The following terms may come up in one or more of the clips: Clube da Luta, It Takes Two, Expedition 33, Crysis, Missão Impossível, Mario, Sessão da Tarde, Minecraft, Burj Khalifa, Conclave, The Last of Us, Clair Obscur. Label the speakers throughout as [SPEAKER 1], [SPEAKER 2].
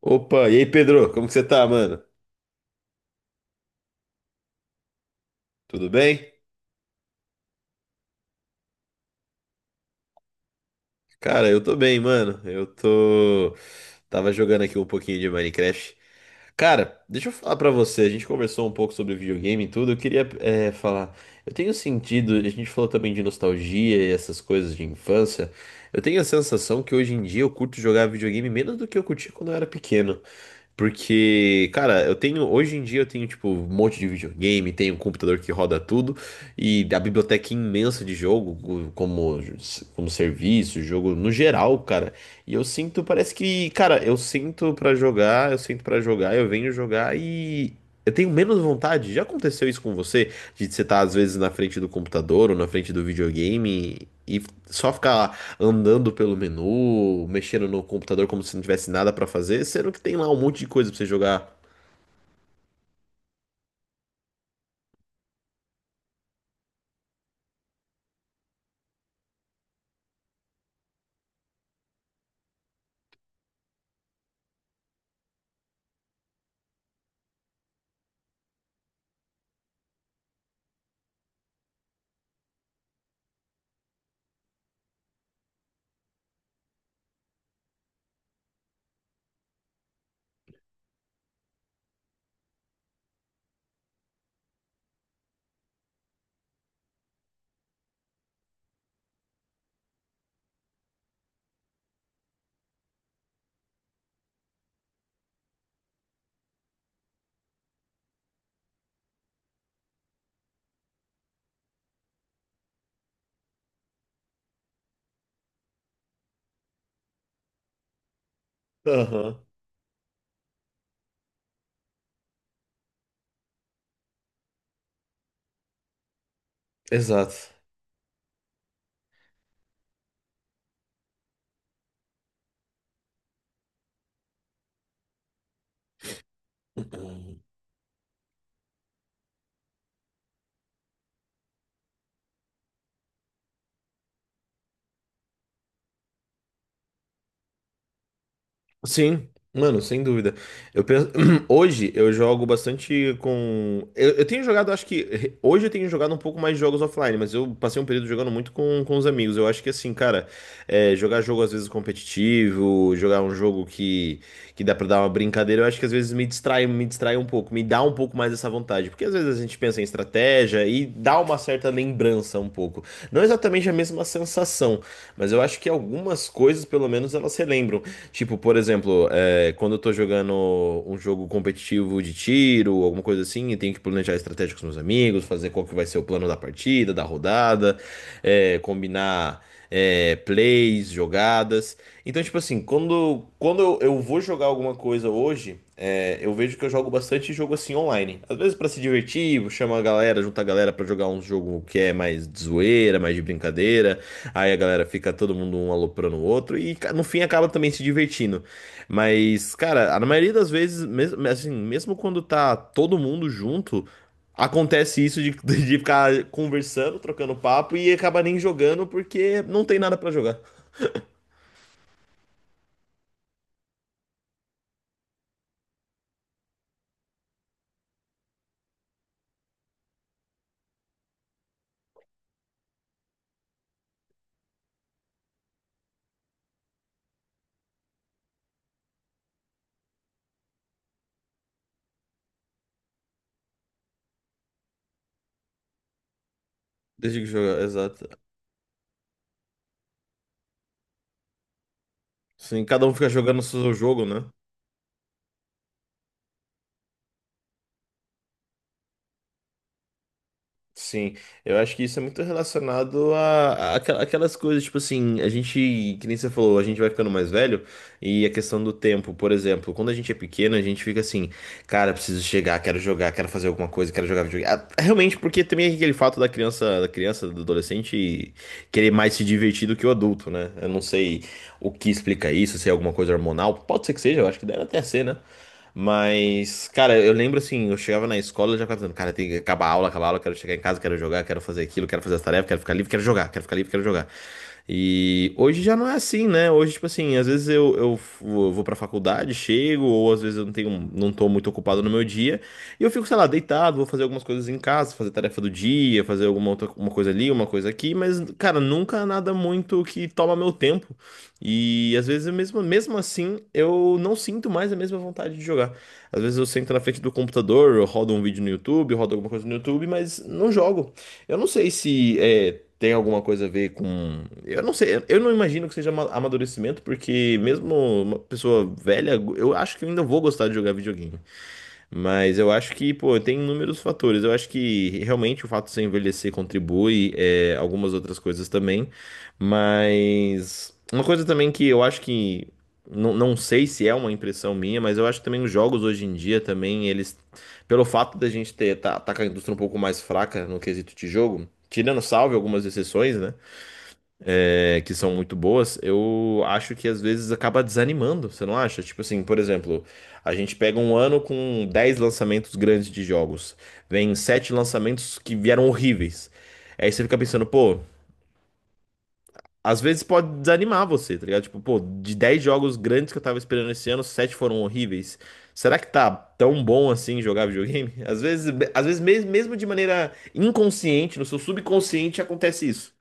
[SPEAKER 1] Opa, e aí Pedro, como que você tá, mano? Tudo bem? Cara, eu tô bem, mano. Eu tô. Tava jogando aqui um pouquinho de Minecraft. Cara, deixa eu falar pra você. A gente conversou um pouco sobre videogame e tudo. Eu queria falar. Eu tenho sentido. A gente falou também de nostalgia e essas coisas de infância. Eu tenho a sensação que hoje em dia eu curto jogar videogame menos do que eu curtia quando eu era pequeno. Porque, cara, hoje em dia eu tenho, tipo, um monte de videogame, tenho um computador que roda tudo, e a biblioteca é imensa de jogo, como, como serviço, jogo no geral, cara. E eu sinto, parece que, cara, eu sinto pra jogar, eu venho jogar e eu tenho menos vontade. Já aconteceu isso com você? De você estar às vezes na frente do computador ou na frente do videogame e só ficar andando pelo menu, mexendo no computador como se não tivesse nada pra fazer, sendo que tem lá um monte de coisa pra você jogar. Aham, exato. Sim, mano, sem dúvida. Eu penso... Hoje eu jogo bastante com. Eu tenho jogado, acho que. Hoje eu tenho jogado um pouco mais de jogos offline, mas eu passei um período jogando muito com os amigos. Eu acho que assim, cara, jogar jogo às vezes competitivo, jogar um jogo que dá pra dar uma brincadeira, eu acho que às vezes me distrai um pouco, me dá um pouco mais essa vontade. Porque às vezes a gente pensa em estratégia e dá uma certa lembrança um pouco. Não exatamente a mesma sensação, mas eu acho que algumas coisas, pelo menos, elas relembram. Tipo, por exemplo, quando eu tô jogando um jogo competitivo de tiro, alguma coisa assim, e tenho que planejar estratégia com os meus amigos, fazer qual que vai ser o plano da partida, da rodada, combinar plays, jogadas. Então, tipo assim, quando eu vou jogar alguma coisa hoje, eu vejo que eu jogo bastante jogo assim online. Às vezes pra se divertir, chama a galera, junta a galera pra jogar um jogo que é mais de zoeira, mais de brincadeira. Aí a galera fica todo mundo um aloprando o outro e no fim acaba também se divertindo. Mas, cara, na maioria das vezes, mesmo, assim, mesmo quando tá todo mundo junto, acontece isso de, de ficar conversando, trocando papo e acaba nem jogando porque não tem nada pra jogar. Desde que jogar, exato. Sim, cada um fica jogando o seu jogo, né? Sim, eu acho que isso é muito relacionado a aquelas coisas, tipo assim, a gente, que nem você falou, a gente vai ficando mais velho e a questão do tempo, por exemplo, quando a gente é pequeno, a gente fica assim, cara, preciso chegar, quero jogar, quero fazer alguma coisa, quero jogar videogame. Ah, realmente, porque também é aquele fato da criança, do adolescente querer mais se divertir do que o adulto, né? Eu não sei o que explica isso, se é alguma coisa hormonal, pode ser que seja, eu acho que deve até ser, né? Mas, cara, eu lembro assim, eu chegava na escola já ficava pensando, cara, tem que acabar a aula, quero chegar em casa, quero jogar, quero fazer aquilo, quero fazer as tarefas, quero ficar livre, quero jogar, quero ficar livre, quero jogar. E hoje já não é assim, né? Hoje, tipo assim, às vezes eu vou pra faculdade, chego, ou às vezes eu não tenho, não tô muito ocupado no meu dia, e eu fico, sei lá, deitado, vou fazer algumas coisas em casa, fazer tarefa do dia, fazer alguma outra uma coisa ali, uma coisa aqui, mas, cara, nunca nada muito que toma meu tempo. E às vezes, eu mesmo, mesmo assim, eu não sinto mais a mesma vontade de jogar. Às vezes eu sento na frente do computador, eu rodo um vídeo no YouTube, eu rodo alguma coisa no YouTube, mas não jogo. Eu não sei se é, tem alguma coisa a ver com. Eu não sei, eu não imagino que seja amadurecimento, porque mesmo uma pessoa velha, eu acho que eu ainda vou gostar de jogar videogame. Mas eu acho que, pô, tem inúmeros fatores. Eu acho que realmente o fato de você envelhecer contribui, é, algumas outras coisas também. Mas uma coisa também que eu acho que. Não, não sei se é uma impressão minha, mas eu acho que também os jogos hoje em dia também, eles. Pelo fato da gente tá com a indústria um pouco mais fraca no quesito de jogo, tirando salve algumas exceções, né? É, que são muito boas, eu acho que às vezes acaba desanimando, você não acha? Tipo assim, por exemplo, a gente pega um ano com 10 lançamentos grandes de jogos, vem 7 lançamentos que vieram horríveis. Aí você fica pensando, pô, às vezes pode desanimar você, tá ligado? Tipo, pô, de 10 jogos grandes que eu tava esperando esse ano, 7 foram horríveis. Será que tá tão bom assim jogar videogame? Às vezes, mesmo de maneira inconsciente, no seu subconsciente acontece isso.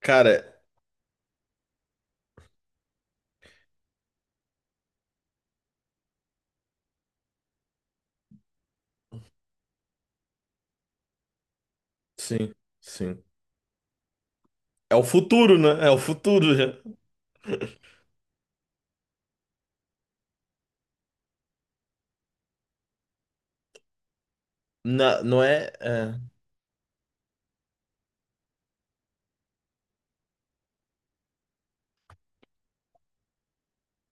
[SPEAKER 1] Cara, sim, sim. É o futuro, né? É o futuro já. Não é, é.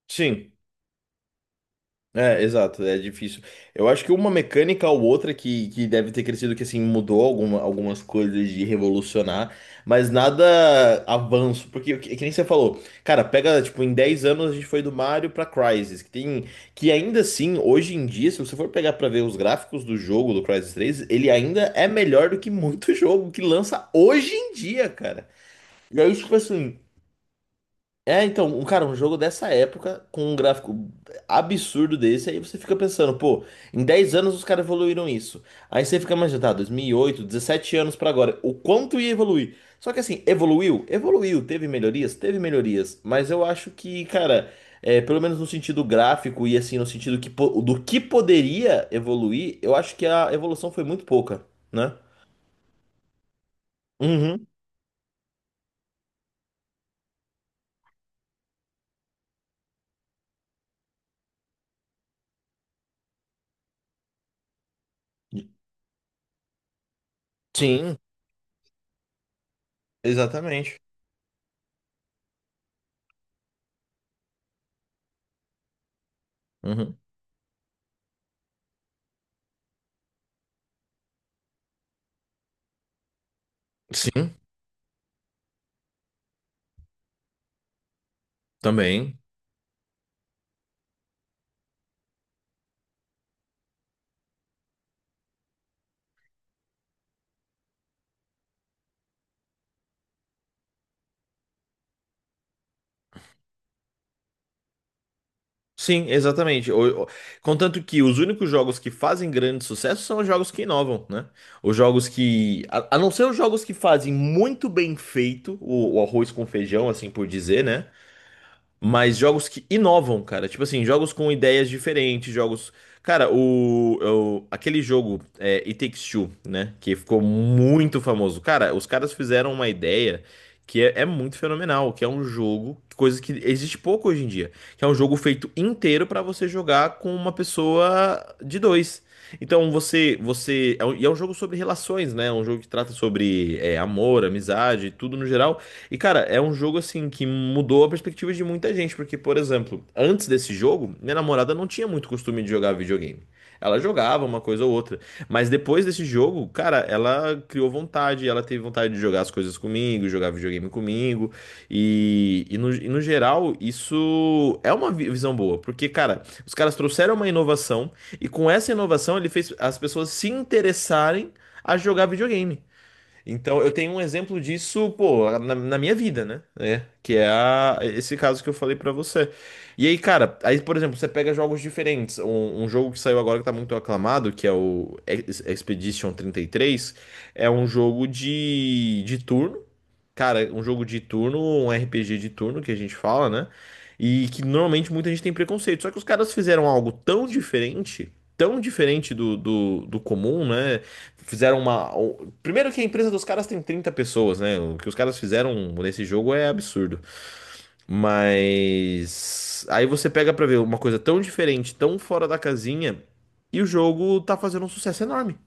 [SPEAKER 1] Sim. É, exato, é difícil. Eu acho que uma mecânica ou outra que deve ter crescido, que assim, mudou algumas coisas de revolucionar, mas nada avanço, porque que nem você falou, cara, pega, tipo, em 10 anos a gente foi do Mario pra Crysis, que tem, que ainda assim, hoje em dia, se você for pegar pra ver os gráficos do jogo, do Crysis 3 ele ainda é melhor do que muito jogo que lança hoje em dia, cara. E aí, tipo assim, é, então, um jogo dessa época, com um gráfico absurdo desse, aí você fica pensando, pô, em 10 anos os caras evoluíram isso. Aí você fica imaginando, tá, 2008 17 anos pra agora, o quanto ia evoluir? Só que assim, evoluiu? Evoluiu, teve melhorias? Teve melhorias, mas eu acho que, cara, é, pelo menos no sentido gráfico e assim, no sentido que, do que poderia evoluir, eu acho que a evolução foi muito pouca, né? Uhum. Sim, exatamente. Uhum. Sim, também. Sim, exatamente. Contanto que os únicos jogos que fazem grande sucesso são os jogos que inovam, né? Os jogos que. A não ser os jogos que fazem muito bem feito o arroz com feijão, assim por dizer, né? Mas jogos que inovam, cara. Tipo assim, jogos com ideias diferentes, jogos. Cara, aquele jogo It Takes Two, né? Que ficou muito famoso. Cara, os caras fizeram uma ideia que é muito fenomenal, que é um jogo, coisa que existe pouco hoje em dia, que é um jogo feito inteiro pra você jogar com uma pessoa de dois. Então você, você, e é um jogo sobre relações, né? É um jogo que trata sobre amor, amizade, tudo no geral. E, cara, é um jogo assim que mudou a perspectiva de muita gente, porque, por exemplo, antes desse jogo, minha namorada não tinha muito costume de jogar videogame. Ela jogava uma coisa ou outra, mas depois desse jogo, cara, ela criou vontade, ela teve vontade de jogar as coisas comigo, jogar videogame comigo, e, e no geral, isso é uma visão boa, porque, cara, os caras trouxeram uma inovação, e com essa inovação ele fez as pessoas se interessarem a jogar videogame. Então, eu tenho um exemplo disso, pô, na, na minha vida, né? É, que é esse caso que eu falei pra você. E aí, cara, aí, por exemplo, você pega jogos diferentes. Um jogo que saiu agora que tá muito aclamado, que é o Expedition 33, é um jogo de turno cara, um jogo de turno, um RPG de turno que a gente fala, né? E que normalmente muita gente tem preconceito. Só que os caras fizeram algo tão diferente do comum, né? Fizeram uma. Primeiro que a empresa dos caras tem 30 pessoas, né? O que os caras fizeram nesse jogo é absurdo. Mas. Aí você pega pra ver uma coisa tão diferente, tão fora da casinha, e o jogo tá fazendo um sucesso enorme.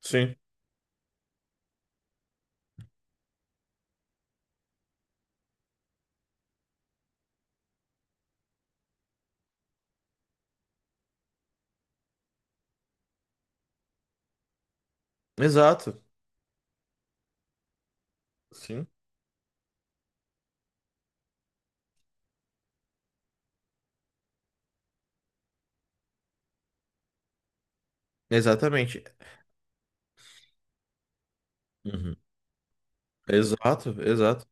[SPEAKER 1] Sim. Exato. Sim. Exatamente. Uhum. Exato, exato.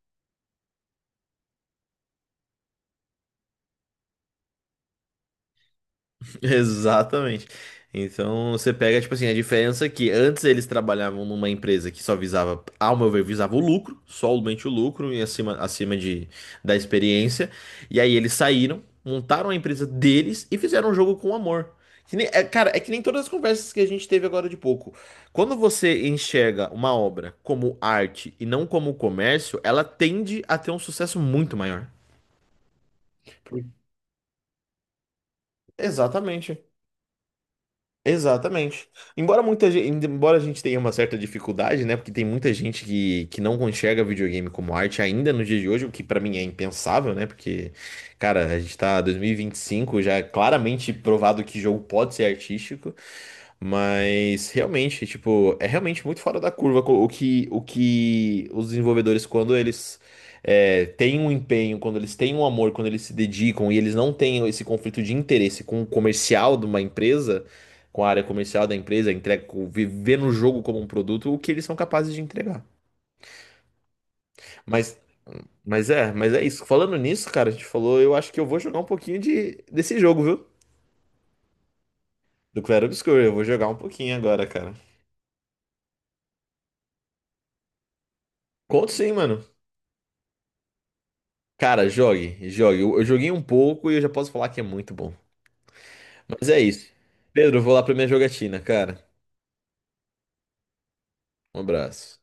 [SPEAKER 1] Exatamente. Então você pega, tipo assim, a diferença é que antes eles trabalhavam numa empresa que só visava, ao meu ver, visava o lucro, somente o lucro e acima, acima de, da experiência. E aí eles saíram, montaram a empresa deles e fizeram um jogo com amor. Que nem- é, cara, é que nem todas as conversas que a gente teve agora de pouco. Quando você enxerga uma obra como arte e não como comércio, ela tende a ter um sucesso muito maior. Por- Exatamente. Exatamente. Embora muita gente, embora a gente tenha uma certa dificuldade, né? Porque tem muita gente que não enxerga videogame como arte ainda nos dias de hoje, o que pra mim é impensável, né? Porque, cara, a gente tá em 2025 já é claramente provado que jogo pode ser artístico, mas realmente, tipo, é realmente muito fora da curva o que os desenvolvedores, quando eles têm um empenho, quando eles têm um amor, quando eles se dedicam e eles não têm esse conflito de interesse com o comercial de uma empresa com a área comercial da empresa, entrega, viver no jogo como um produto, o que eles são capazes de entregar. Mas, mas é isso. Falando nisso, cara, a gente falou, eu acho que eu vou jogar um pouquinho de, desse jogo, viu? Do Clair Obscur, eu vou jogar um pouquinho agora, cara. Conto sim, mano. Cara, jogue, jogue. Eu joguei um pouco e eu já posso falar que é muito bom. Mas é isso. Pedro, eu vou lá pra minha jogatina, cara. Um abraço.